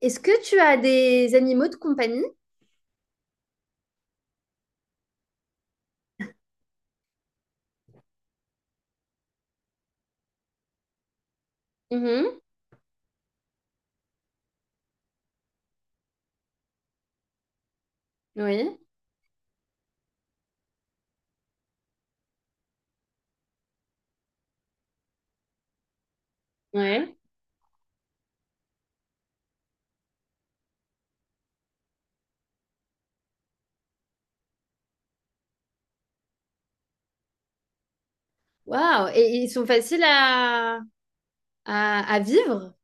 Est-ce que tu as des animaux de compagnie? Mhm. Oui. Ouais. Waouh! Et ils sont faciles à vivre?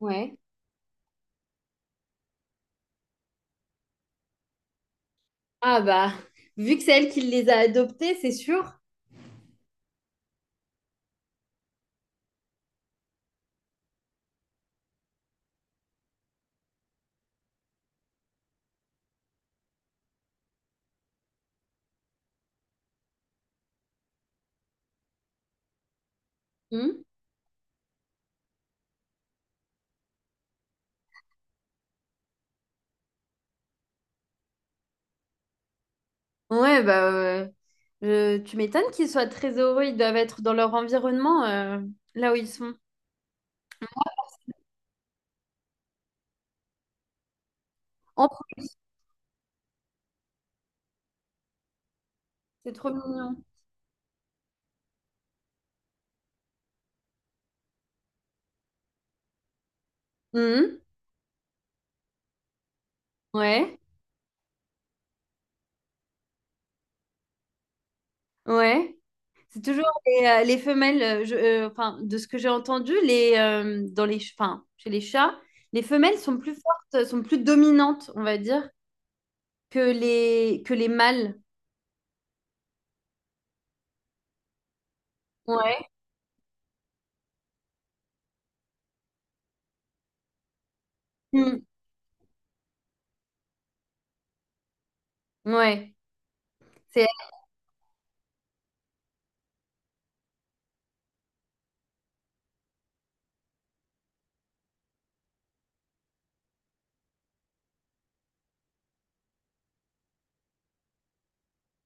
Ouais. Ah bah, vu que c'est elle qui les a adoptés, c'est sûr. Mhm. Ouais, tu m'étonnes qu'ils soient très heureux. Ils doivent être dans leur environnement, là où ils sont. En pro- c'est trop mignon. Mhm. Ouais, ouais. C'est toujours les femelles, enfin, de ce que j'ai entendu, dans enfin, chez les chats, les femelles sont plus fortes, sont plus dominantes, on va dire, que que les mâles. Ouais. Mm. Ouais. C'est...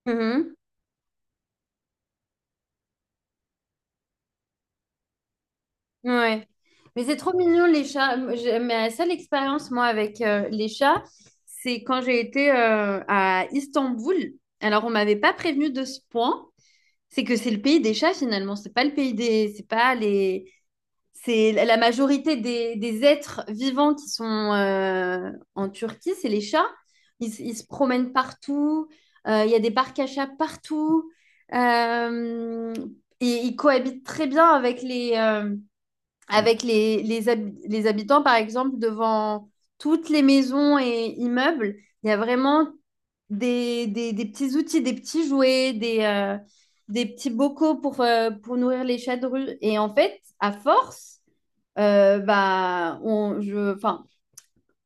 Mhm. Ouais. Mais c'est trop mignon, les chats. Moi, ma seule expérience, moi, avec les chats, c'est quand j'ai été à Istanbul. Alors, on m'avait pas prévenu de ce point. C'est que c'est le pays des chats, finalement. C'est pas le pays des... C'est pas les. C'est la la majorité des êtres vivants qui sont en Turquie, c'est les chats. Ils se promènent partout. Il y a des parcs à chats partout. euh, et ils cohabitent très bien avec avec les habitants, par exemple, devant toutes les maisons et immeubles. Il y a vraiment des petits outils, des petits jouets, des petits bocaux pour nourrir les chats de rue. Et en fait, à force, enfin,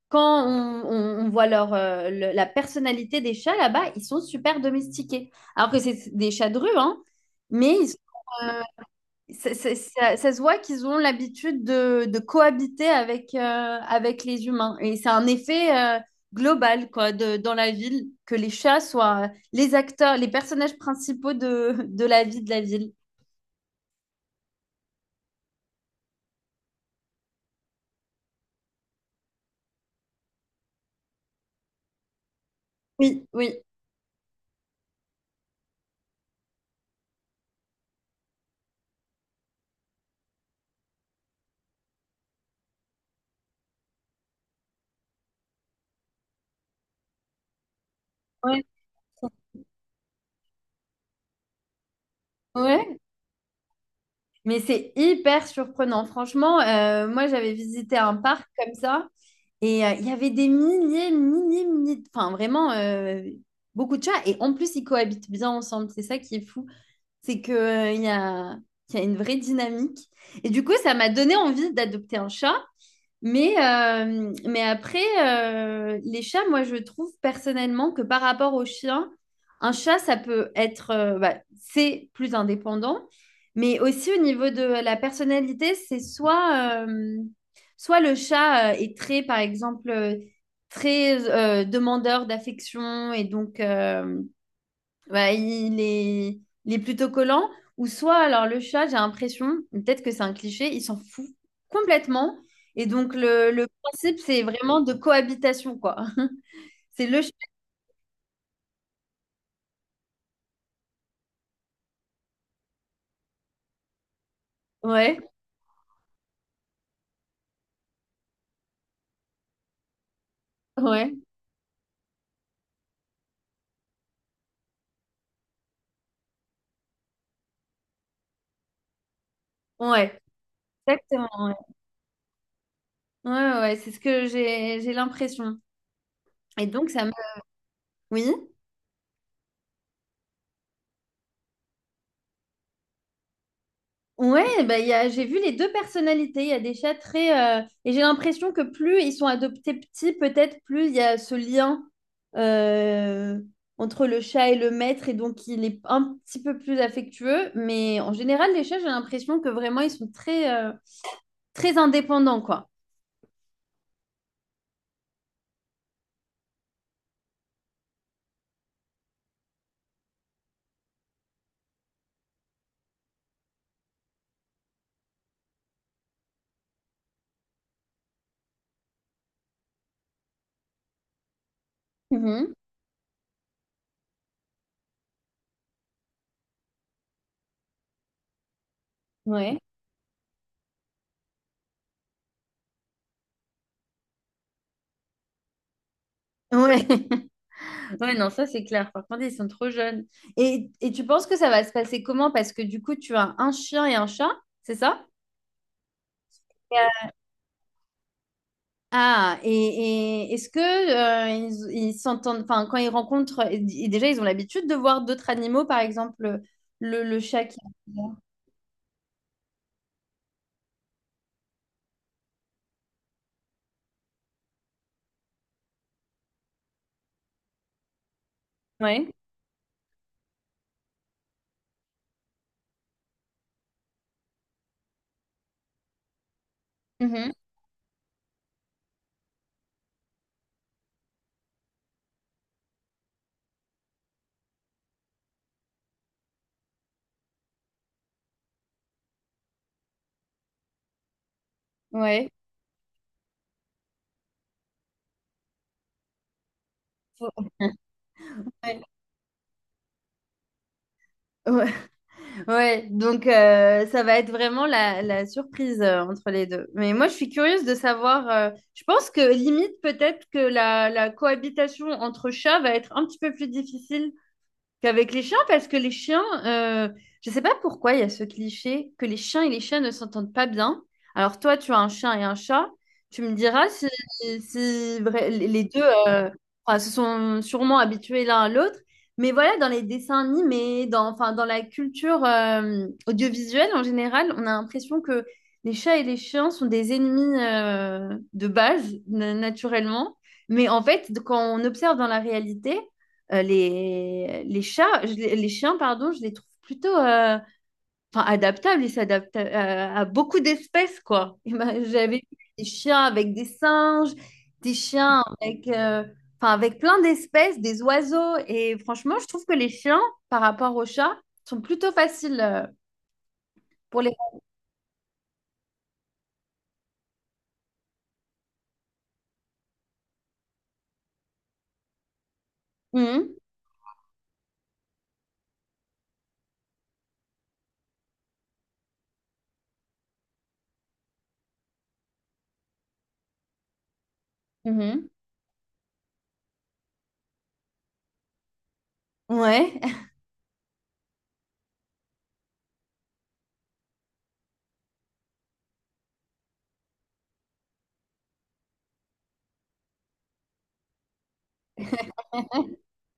quand on voit la personnalité des chats là-bas, ils sont super domestiqués. Alors que c'est des chats de rue, hein, mais ils- ça, ça se voit qu'ils ont l'habitude de cohabiter avec, avec les humains. Et c'est un effet global, quoi, dans la ville, que les chats soient les acteurs, les personnages principaux de la vie de la ville. Oui, oui. Ouais. Ouais. Mais c'est hyper surprenant. Franchement, moi, j'avais visité un parc comme ça et il y avait des milliers, milliers, milliers, enfin vraiment beaucoup de chats. Et en plus, ils cohabitent bien ensemble. C'est ça qui est fou. C'est que, il y a une vraie dynamique. Et du coup, ça m'a donné envie d'adopter un chat. Mais après, les chats, moi, je trouve personnellement que par rapport aux chiens, un chat, ça peut être, bah, c'est plus indépendant, mais aussi au niveau de la personnalité, c'est soit, soit le chat est très, par exemple, très demandeur d'affection et donc bah, il est plutôt collant. Ou soit, alors le chat, j'ai l'impression, peut-être que c'est un cliché, il s'en fout complètement. Et donc, le principe, c'est vraiment de cohabitation, quoi. C'est le chat. Ouais, ouais, ouais. Exactement. Ouais, ouais, ouais, ouais, c'est ce que j'ai l'impression. Et donc, ça me... Oui. Ouais, j'ai vu les deux personnalités. Il y a des chats très. Et j'ai l'impression que plus ils sont adoptés petits, peut-être plus il y a ce lien euh, entre le chat et le maître. Et donc, il est un petit peu plus affectueux. Mais en général, les chats, j'ai l'impression que vraiment, ils sont très, très indépendants, quoi. Mhm. Ouais. Ouais. Ouais, non, ça, c'est clair. Par contre, ils sont trop jeunes. Et tu penses que ça va se passer comment? Parce que du coup, tu as un chien et un chat, c'est ça? Ah, et est-ce que ils s'entendent, enfin, quand ils rencontrent, et déjà, ils ont l'habitude de voir d'autres animaux, par exemple, le chat qui... Ouais. Mhm. Ouais. Faut- Ouais. Ouais. Ouais. Donc ça va être vraiment la surprise entre les deux. Mais moi, je suis curieuse de savoir, je pense que limite peut-être que la cohabitation entre chats va être un petit peu plus difficile qu'avec les chiens, parce que les chiens, je ne sais pas pourquoi il y a ce cliché que les chiens et les chats ne s'entendent pas bien. Alors toi, tu as un chien et un chat, tu me diras si, les deux enfin, se sont sûrement habitués l'un à l'autre. Mais voilà, dans les dessins animés, dans, enfin, dans la culture audiovisuelle en général, on a l'impression que les chats et les chiens sont des ennemis de base, naturellement. Mais en fait, quand on observe dans la réalité, les chats, je les chiens, pardon, je les trouve plutôt enfin, adaptables. Ils s'adaptent à beaucoup d'espèces, quoi. Et ben, j'avais vu des chiens avec des singes, des chiens avec, enfin, avec plein d'espèces, des oiseaux. Et franchement, je trouve que les chiens, par rapport aux chats, sont plutôt faciles pour les... Mhm, mhm. Ouais.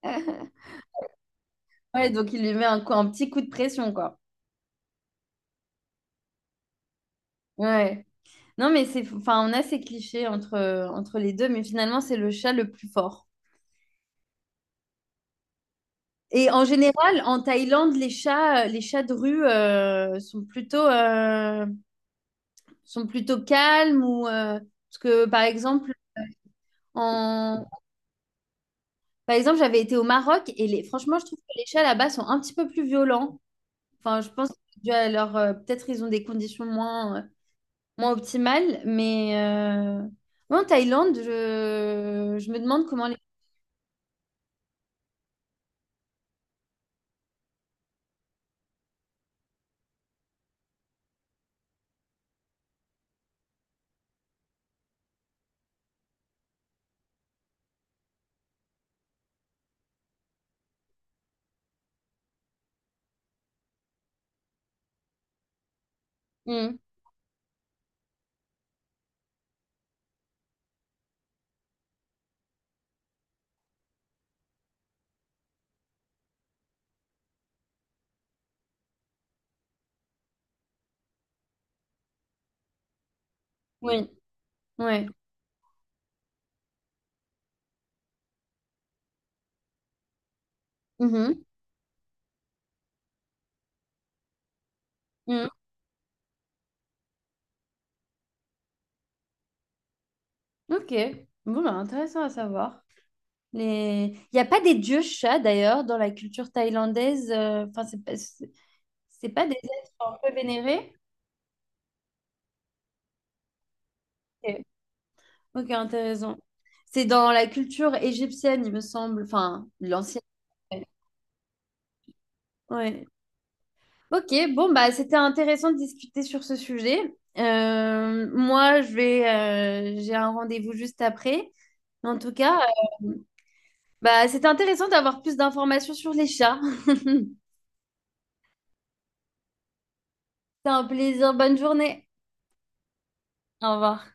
Ouais, donc il lui met un petit coup de pression, quoi. Ouais. Non, mais c'est, enfin, on a ces clichés entre, entre les deux, mais finalement, c'est le chat le plus fort. Et en général, en Thaïlande, les chats de rue sont plutôt calmes ou parce que, par exemple, en, par exemple, j'avais été au Maroc et les, franchement, je trouve que les chats là-bas sont un petit peu plus violents. Enfin, je pense que c'est dû à leur, peut-être ils ont des conditions moins, moins optimales, mais en Thaïlande, je me demande comment les. Hmm. Oui, ouais. Mhm, mhm. Ok, bon, bah, intéressant à savoir. Les... Il n'y a pas des dieux chats d'ailleurs dans la culture thaïlandaise. Enfin, c'est pas, c'est pas des êtres un peu vénérés. Ok, ok, intéressant. C'est dans la culture égyptienne, il me semble. Enfin, l'ancienne. Ouais. Ok, bon, bah, c'était intéressant de discuter sur ce sujet. Euh, moi, je vais, j'ai un rendez-vous juste après. En tout cas, euh, bah, c'était intéressant d'avoir plus d'informations sur les chats. C'est un plaisir. Bonne journée. Au revoir.